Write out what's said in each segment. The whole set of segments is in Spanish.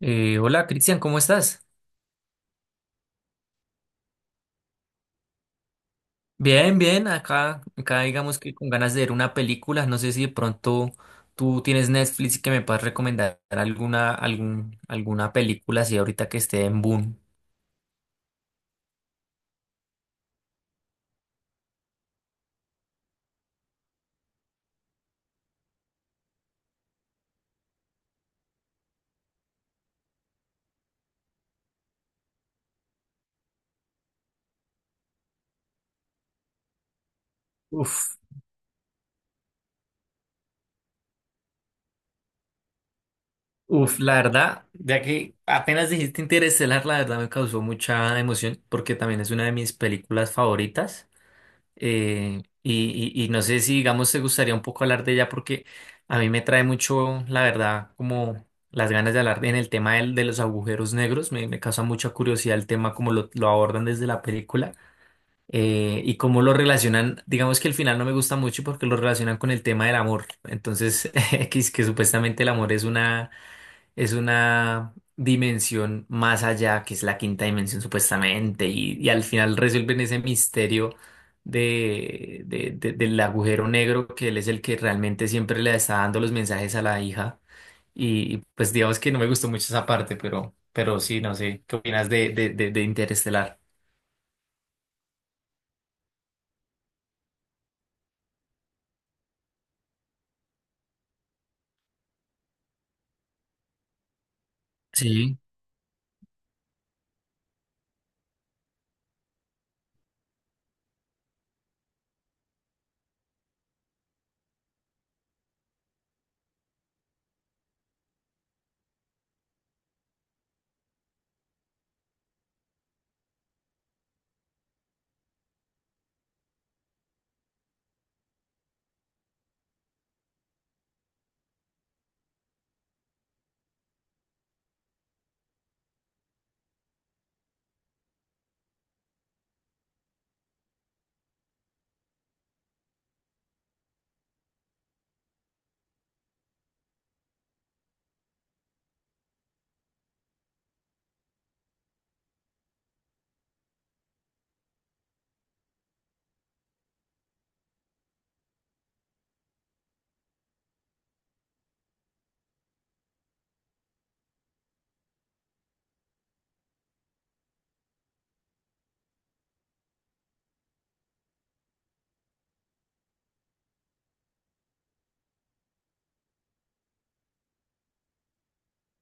Hola Cristian, ¿cómo estás? Bien, bien, acá digamos que con ganas de ver una película, no sé si de pronto tú tienes Netflix y que me puedas recomendar alguna, algún, alguna película así ahorita que esté en boom. Uf, uf, la verdad, ya que apenas dijiste Interestelar, la verdad me causó mucha emoción porque también es una de mis películas favoritas. Y, y no sé si, digamos, te gustaría un poco hablar de ella porque a mí me trae mucho, la verdad, como las ganas de hablar en el tema de los agujeros negros. Me causa mucha curiosidad el tema, como lo abordan desde la película y cómo lo relacionan. Digamos que el final no me gusta mucho porque lo relacionan con el tema del amor. Entonces, que, es que supuestamente el amor es una dimensión más allá, que es la quinta dimensión supuestamente, y al final resuelven ese misterio de, del agujero negro, que él es el que realmente siempre le está dando los mensajes a la hija. Y, pues digamos que no me gustó mucho esa parte, pero sí, no sé, ¿qué opinas de Interestelar? Sí.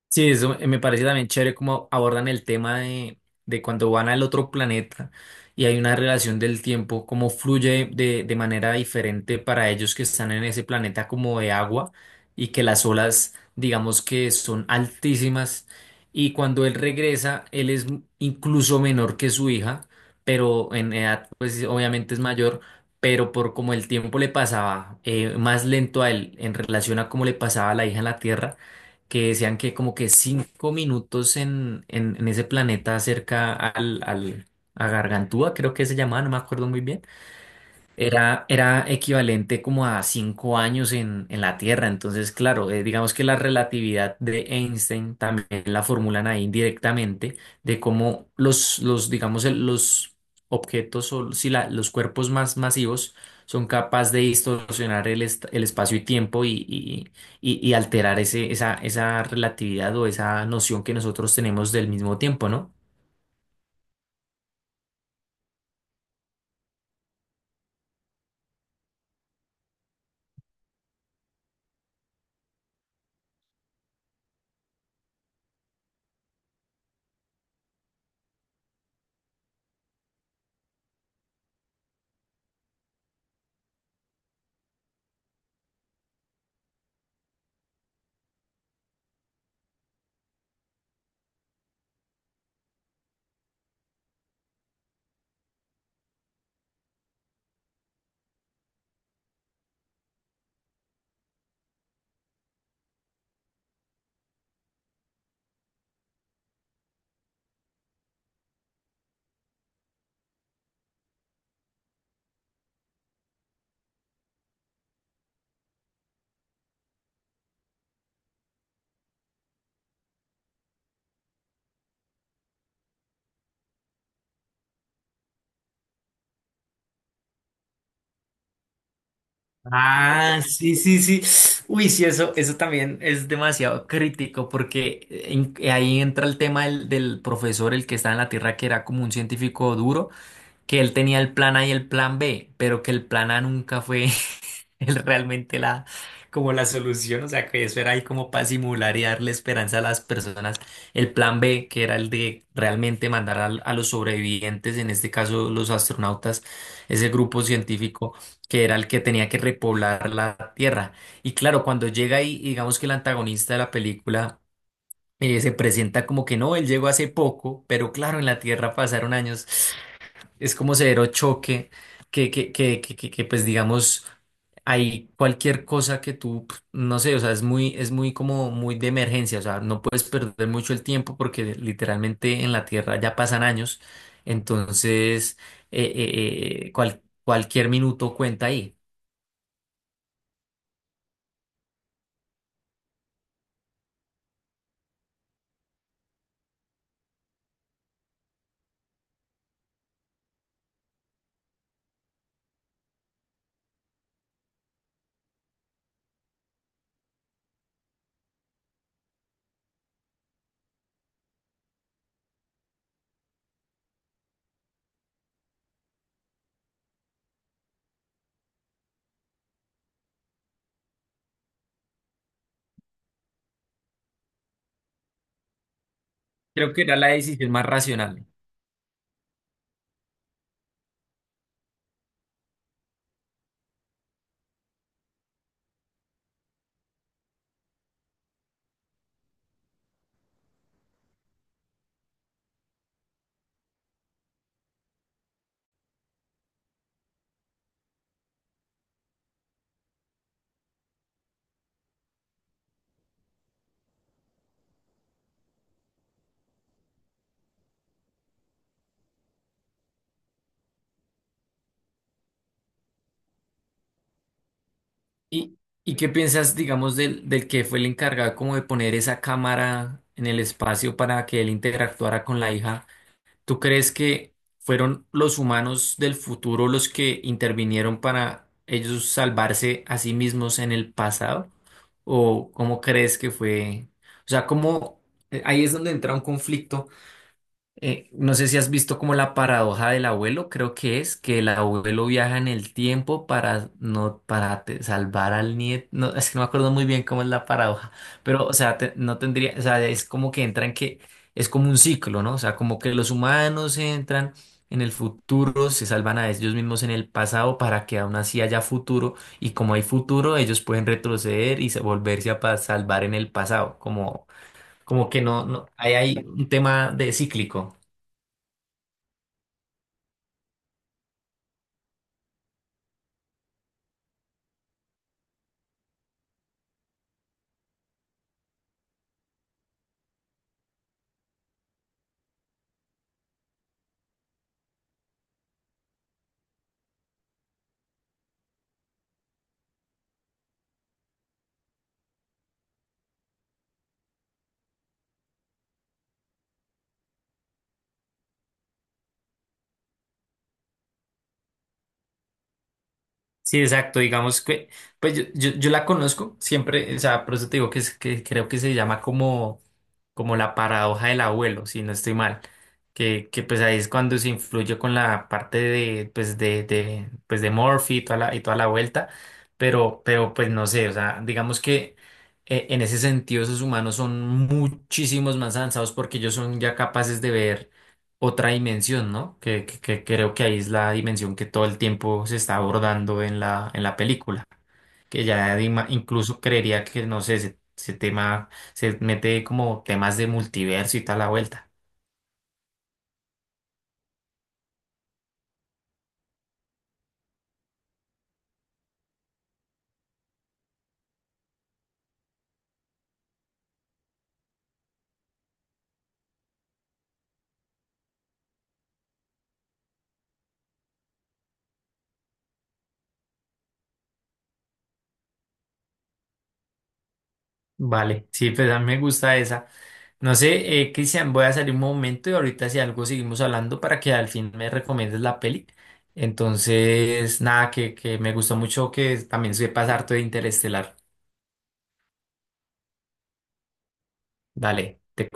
Sí, eso me parece también chévere cómo abordan el tema de cuando van al otro planeta y hay una relación del tiempo, cómo fluye de manera diferente para ellos que están en ese planeta como de agua y que las olas, digamos que son altísimas, y cuando él regresa, él es incluso menor que su hija, pero en edad pues obviamente es mayor. Pero por como el tiempo le pasaba más lento a él en relación a cómo le pasaba a la hija en la Tierra, que decían que como que 5 minutos en, en ese planeta cerca al, al, a Gargantúa, creo que se llamaba, no me acuerdo muy bien, era, era equivalente como a 5 años en la Tierra. Entonces, claro, digamos que la relatividad de Einstein también la formulan ahí directamente de cómo los digamos, los objetos o si los cuerpos más masivos son capaces de distorsionar el, el espacio y tiempo y, y alterar ese, esa relatividad o esa noción que nosotros tenemos del mismo tiempo, ¿no? Ah, sí, sí, sí. Uy, sí, eso también es demasiado crítico porque ahí entra el tema del, del profesor, el que está en la Tierra, que era como un científico duro, que él tenía el plan A y el plan B, pero que el plan A nunca fue, es realmente la, como la solución, o sea que eso era ahí como para simular y darle esperanza a las personas. El plan B, que era el de realmente mandar a los sobrevivientes, en este caso los astronautas, ese grupo científico que era el que tenía que repoblar la Tierra. Y claro, cuando llega ahí, digamos que el antagonista de la película… se presenta como que no, él llegó hace poco, pero claro, en la Tierra pasaron años. Es como severo choque que, pues digamos, hay cualquier cosa que tú, pf, no sé, o sea, es muy como muy de emergencia, o sea, no puedes perder mucho el tiempo porque literalmente en la Tierra ya pasan años, entonces cualquier minuto cuenta ahí. Creo que era la decisión más racional. ¿Y, y qué piensas, digamos, del, del que fue el encargado como de poner esa cámara en el espacio para que él interactuara con la hija? ¿Tú crees que fueron los humanos del futuro los que intervinieron para ellos salvarse a sí mismos en el pasado? ¿O cómo crees que fue? O sea, ¿cómo? Ahí es donde entra un conflicto. No sé si has visto como la paradoja del abuelo, creo que es que el abuelo viaja en el tiempo para no para salvar al nieto. No, es que no me acuerdo muy bien cómo es la paradoja, pero o sea, no tendría, o sea, es como que entran que es como un ciclo, ¿no? O sea, como que los humanos entran en el futuro, se salvan a ellos mismos en el pasado para que aún así haya futuro, y como hay futuro, ellos pueden retroceder y volverse a salvar en el pasado, como como que no, no, hay un tema de cíclico. Sí, exacto, digamos que, pues yo la conozco siempre, o sea, por eso te digo que, es, que creo que se llama como como la paradoja del abuelo, si no estoy mal, que pues ahí es cuando se influye con la parte de, pues de Murphy y toda la vuelta, pero pues no sé, o sea, digamos que en ese sentido esos humanos son muchísimos más avanzados porque ellos son ya capaces de ver otra dimensión, ¿no? Que creo que ahí es la dimensión que todo el tiempo se está abordando en la película, que ya de incluso creería que, no sé, ese tema se mete como temas de multiverso y tal la vuelta. Vale, sí, pues a mí me gusta esa. No sé, Cristian, voy a salir un momento y ahorita si algo seguimos hablando para que al fin me recomiendes la peli. Entonces, nada, que me gustó mucho que también sepas harto de Interestelar. Dale, te